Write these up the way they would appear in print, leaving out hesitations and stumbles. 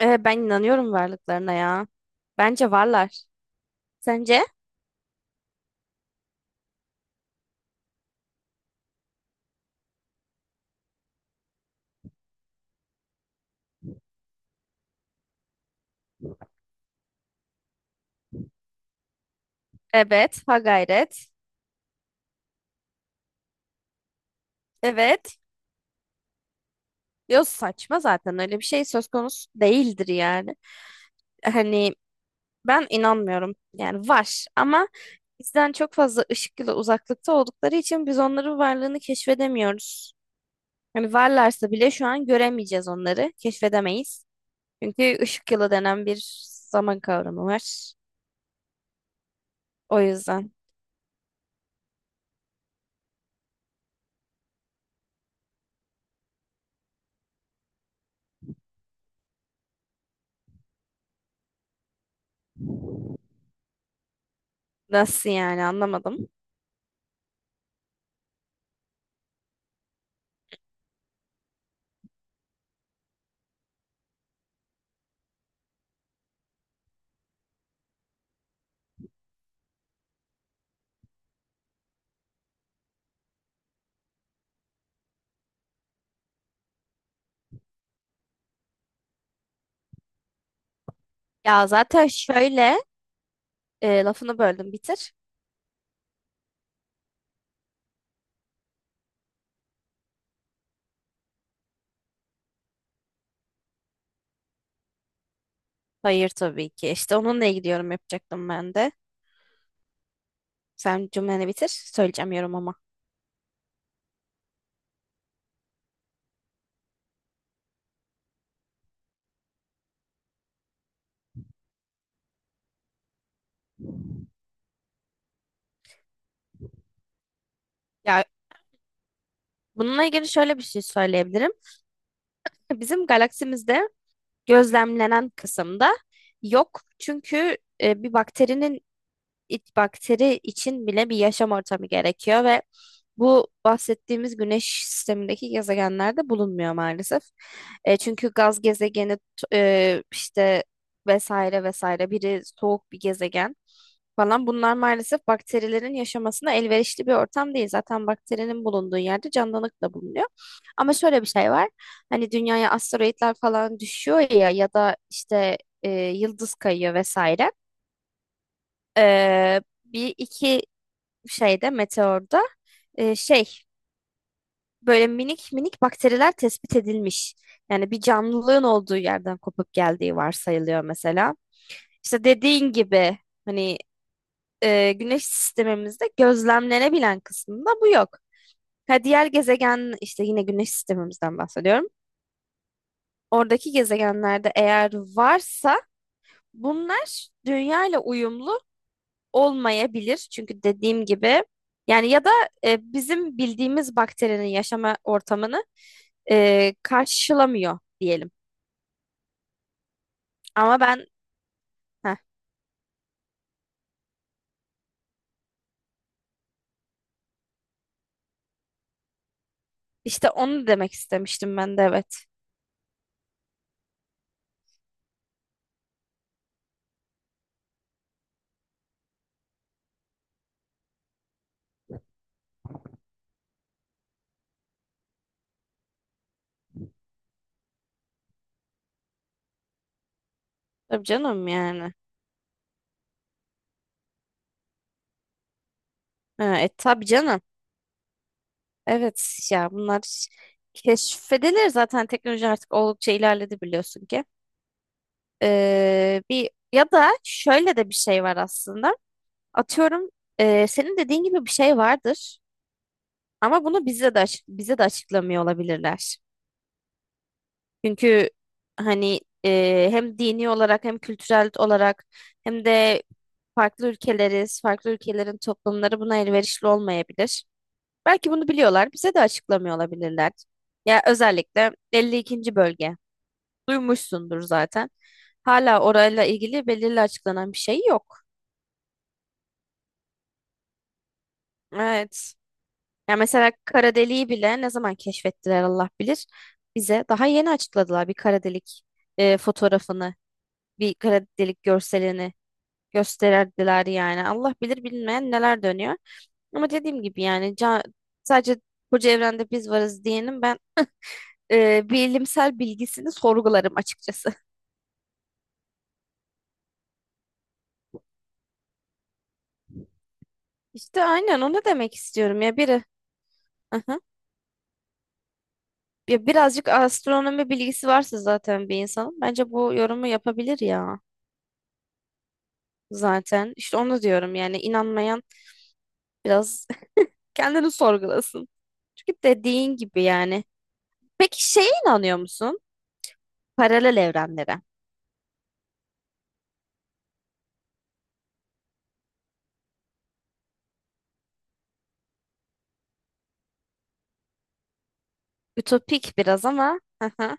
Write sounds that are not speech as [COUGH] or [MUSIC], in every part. Ben inanıyorum varlıklarına ya. Bence varlar. Sence? Evet, ha gayret. Evet. Yok, saçma, zaten öyle bir şey söz konusu değildir yani. Hani ben inanmıyorum. Yani var, ama bizden çok fazla ışık yılı uzaklıkta oldukları için biz onların varlığını keşfedemiyoruz. Hani varlarsa bile şu an göremeyeceğiz onları, keşfedemeyiz. Çünkü ışık yılı denen bir zaman kavramı var. O yüzden nasıl yani, anlamadım. Ya zaten şöyle. Lafını böldüm, bitir. Hayır, tabii ki. İşte onunla ilgili yorum yapacaktım ben de. Sen cümleni bitir. Söyleyeceğim yorum ama. Ya bununla ilgili şöyle bir şey söyleyebilirim. Bizim galaksimizde gözlemlenen kısımda yok. Çünkü bir bakteri için bile bir yaşam ortamı gerekiyor ve bu bahsettiğimiz güneş sistemindeki gezegenlerde bulunmuyor maalesef. Çünkü gaz gezegeni işte vesaire vesaire biri soğuk bir gezegen falan, bunlar maalesef bakterilerin yaşamasına elverişli bir ortam değil. Zaten bakterinin bulunduğu yerde canlılık da bulunuyor. Ama şöyle bir şey var. Hani dünyaya asteroitler falan düşüyor ya, ya da işte yıldız kayıyor vesaire. Bir iki meteorda e, şey böyle minik minik bakteriler tespit edilmiş. Yani bir canlılığın olduğu yerden kopup geldiği varsayılıyor mesela. İşte dediğin gibi, hani güneş sistemimizde gözlemlenebilen kısmında bu yok. Ha, diğer gezegen, işte yine güneş sistemimizden bahsediyorum. Oradaki gezegenlerde eğer varsa bunlar dünya ile uyumlu olmayabilir. Çünkü dediğim gibi, yani ya da bizim bildiğimiz bakterinin yaşama ortamını karşılamıyor diyelim. Ama ben heh, işte onu demek istemiştim ben de, evet. Tabii canım yani. Ha, tabii canım. Evet ya, bunlar keşfedilir zaten, teknoloji artık oldukça ilerledi biliyorsun ki. Bir ya da şöyle de bir şey var aslında. Atıyorum, senin dediğin gibi bir şey vardır. Ama bunu bize de açıklamıyor olabilirler. Çünkü hani hem dini olarak, hem kültürel olarak, hem de farklı ülkeleriz, farklı ülkelerin toplumları buna elverişli olmayabilir. Belki bunu biliyorlar, bize de açıklamıyor olabilirler. Ya özellikle 52. bölge. Duymuşsundur zaten. Hala orayla ilgili belirli açıklanan bir şey yok. Evet. Ya mesela kara deliği bile ne zaman keşfettiler Allah bilir. Bize daha yeni açıkladılar bir kara delik fotoğrafını, bir kara delik görselini gösterdiler yani. Allah bilir bilmeyen neler dönüyor. Ama dediğim gibi yani, sadece koca evrende biz varız diyenin ben bilimsel bilgisini sorgularım açıkçası. [LAUGHS] İşte aynen onu demek istiyorum ya biri. Aha. Ya birazcık astronomi bilgisi varsa zaten bir insanın, bence bu yorumu yapabilir ya. Zaten. İşte onu diyorum yani, inanmayan biraz [LAUGHS] kendini sorgulasın. Çünkü dediğin gibi yani. Peki şeye inanıyor musun? Paralel evrenlere. Ütopik biraz ama. [LAUGHS] Hı hı.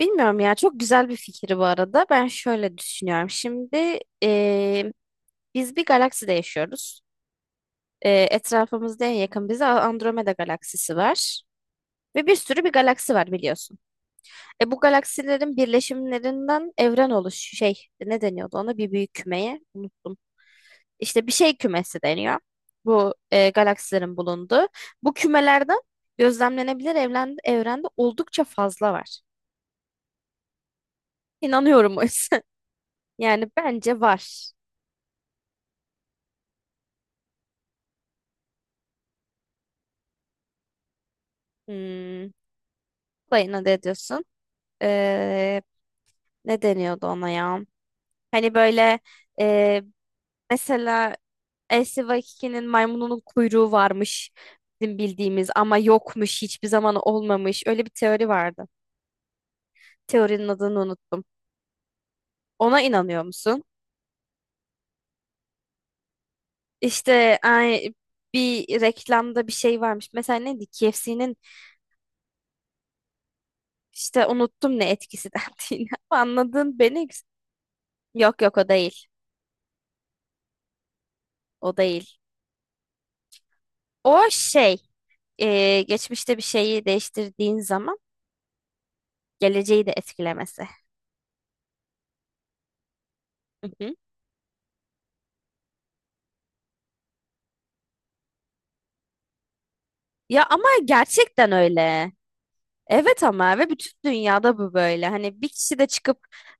Bilmiyorum ya, çok güzel bir fikir bu arada. Ben şöyle düşünüyorum. Şimdi biz bir galakside yaşıyoruz. Etrafımızda en yakın bize Andromeda galaksisi var. Ve bir sürü bir galaksi var biliyorsun. Bu galaksilerin birleşimlerinden evren oluş şey, ne deniyordu ona, bir büyük kümeye, unuttum. İşte bir şey kümesi deniyor. Bu galaksilerin bulunduğu. Bu kümelerde gözlemlenebilir evren, evrende oldukça fazla var. İnanıyorum o yüzden. [LAUGHS] Yani bence var. Hmm. Dayına ne diyorsun? Ee, Ne deniyordu ona ya? Hani böyle, e, mesela Elsi maymununun kuyruğu varmış bizim bildiğimiz, ama yokmuş, hiçbir zaman olmamış. Öyle bir teori vardı. Teorinin adını unuttum. Ona inanıyor musun? İşte ay, bir reklamda bir şey varmış. Mesela neydi? KFC'nin, işte unuttum ne etkisi dendiğini. [LAUGHS] Anladın beni? Yok yok, o değil. O değil. O şey, geçmişte bir şeyi değiştirdiğin zaman geleceği de etkilemesi. Hı hı. Ya, ama gerçekten öyle. Evet ama, ve bütün dünyada bu böyle. Hani bir kişi de çıkıp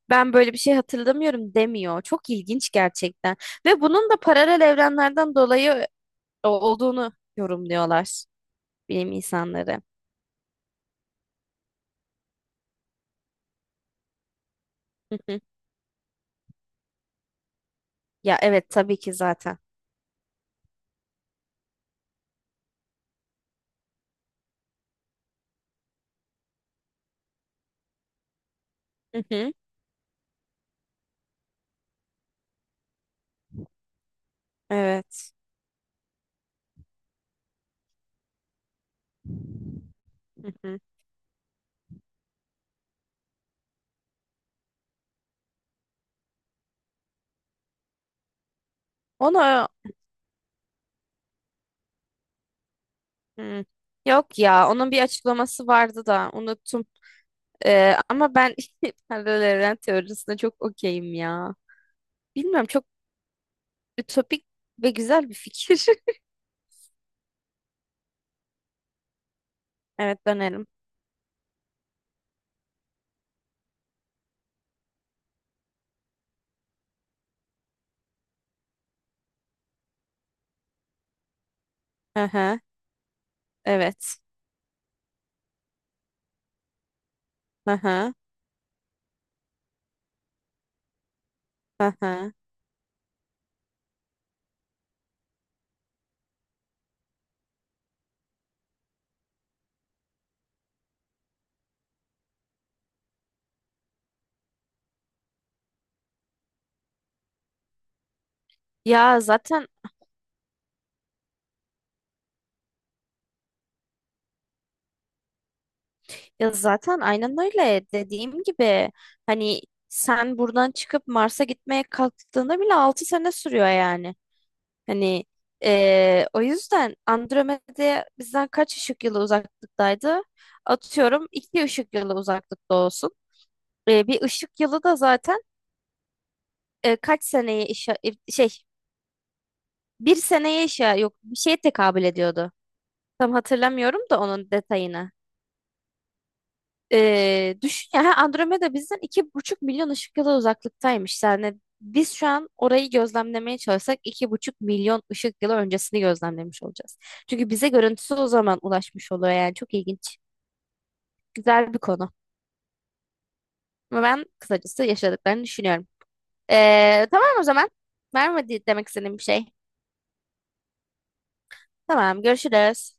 "ben böyle bir şey hatırlamıyorum" demiyor. Çok ilginç gerçekten. Ve bunun da paralel evrenlerden dolayı olduğunu yorumluyorlar bilim insanları. Hı hı. Ya evet, tabii ki zaten. Hı hı. Evet. Hı hı. Onu, hı. Yok ya, onun bir açıklaması vardı da unuttum. Ama ben [LAUGHS] paralel evren teorisine çok okeyim ya. Bilmiyorum, çok ütopik ve güzel bir fikir. [LAUGHS] Evet, dönelim. Hı hı. Evet. Hı hı. Hı hı. Ya zaten Ya zaten aynen öyle, dediğim gibi hani, sen buradan çıkıp Mars'a gitmeye kalktığında bile 6 sene sürüyor yani. Hani o yüzden Andromeda bizden kaç ışık yılı uzaklıktaydı? Atıyorum 2 ışık yılı uzaklıkta olsun. Bir ışık yılı da zaten kaç seneye işe şey, bir seneye işe, yok, bir şeye tekabül ediyordu. Tam hatırlamıyorum da onun detayını. Düşün ya, Andromeda bizden 2,5 milyon ışık yılı uzaklıktaymış. Yani biz şu an orayı gözlemlemeye çalışsak 2,5 milyon ışık yılı öncesini gözlemlemiş olacağız. Çünkü bize görüntüsü o zaman ulaşmış oluyor yani, çok ilginç. Güzel bir konu. Ama ben kısacası yaşadıklarını düşünüyorum. Tamam o zaman. Var mı demek istediğim bir şey? Tamam, görüşürüz.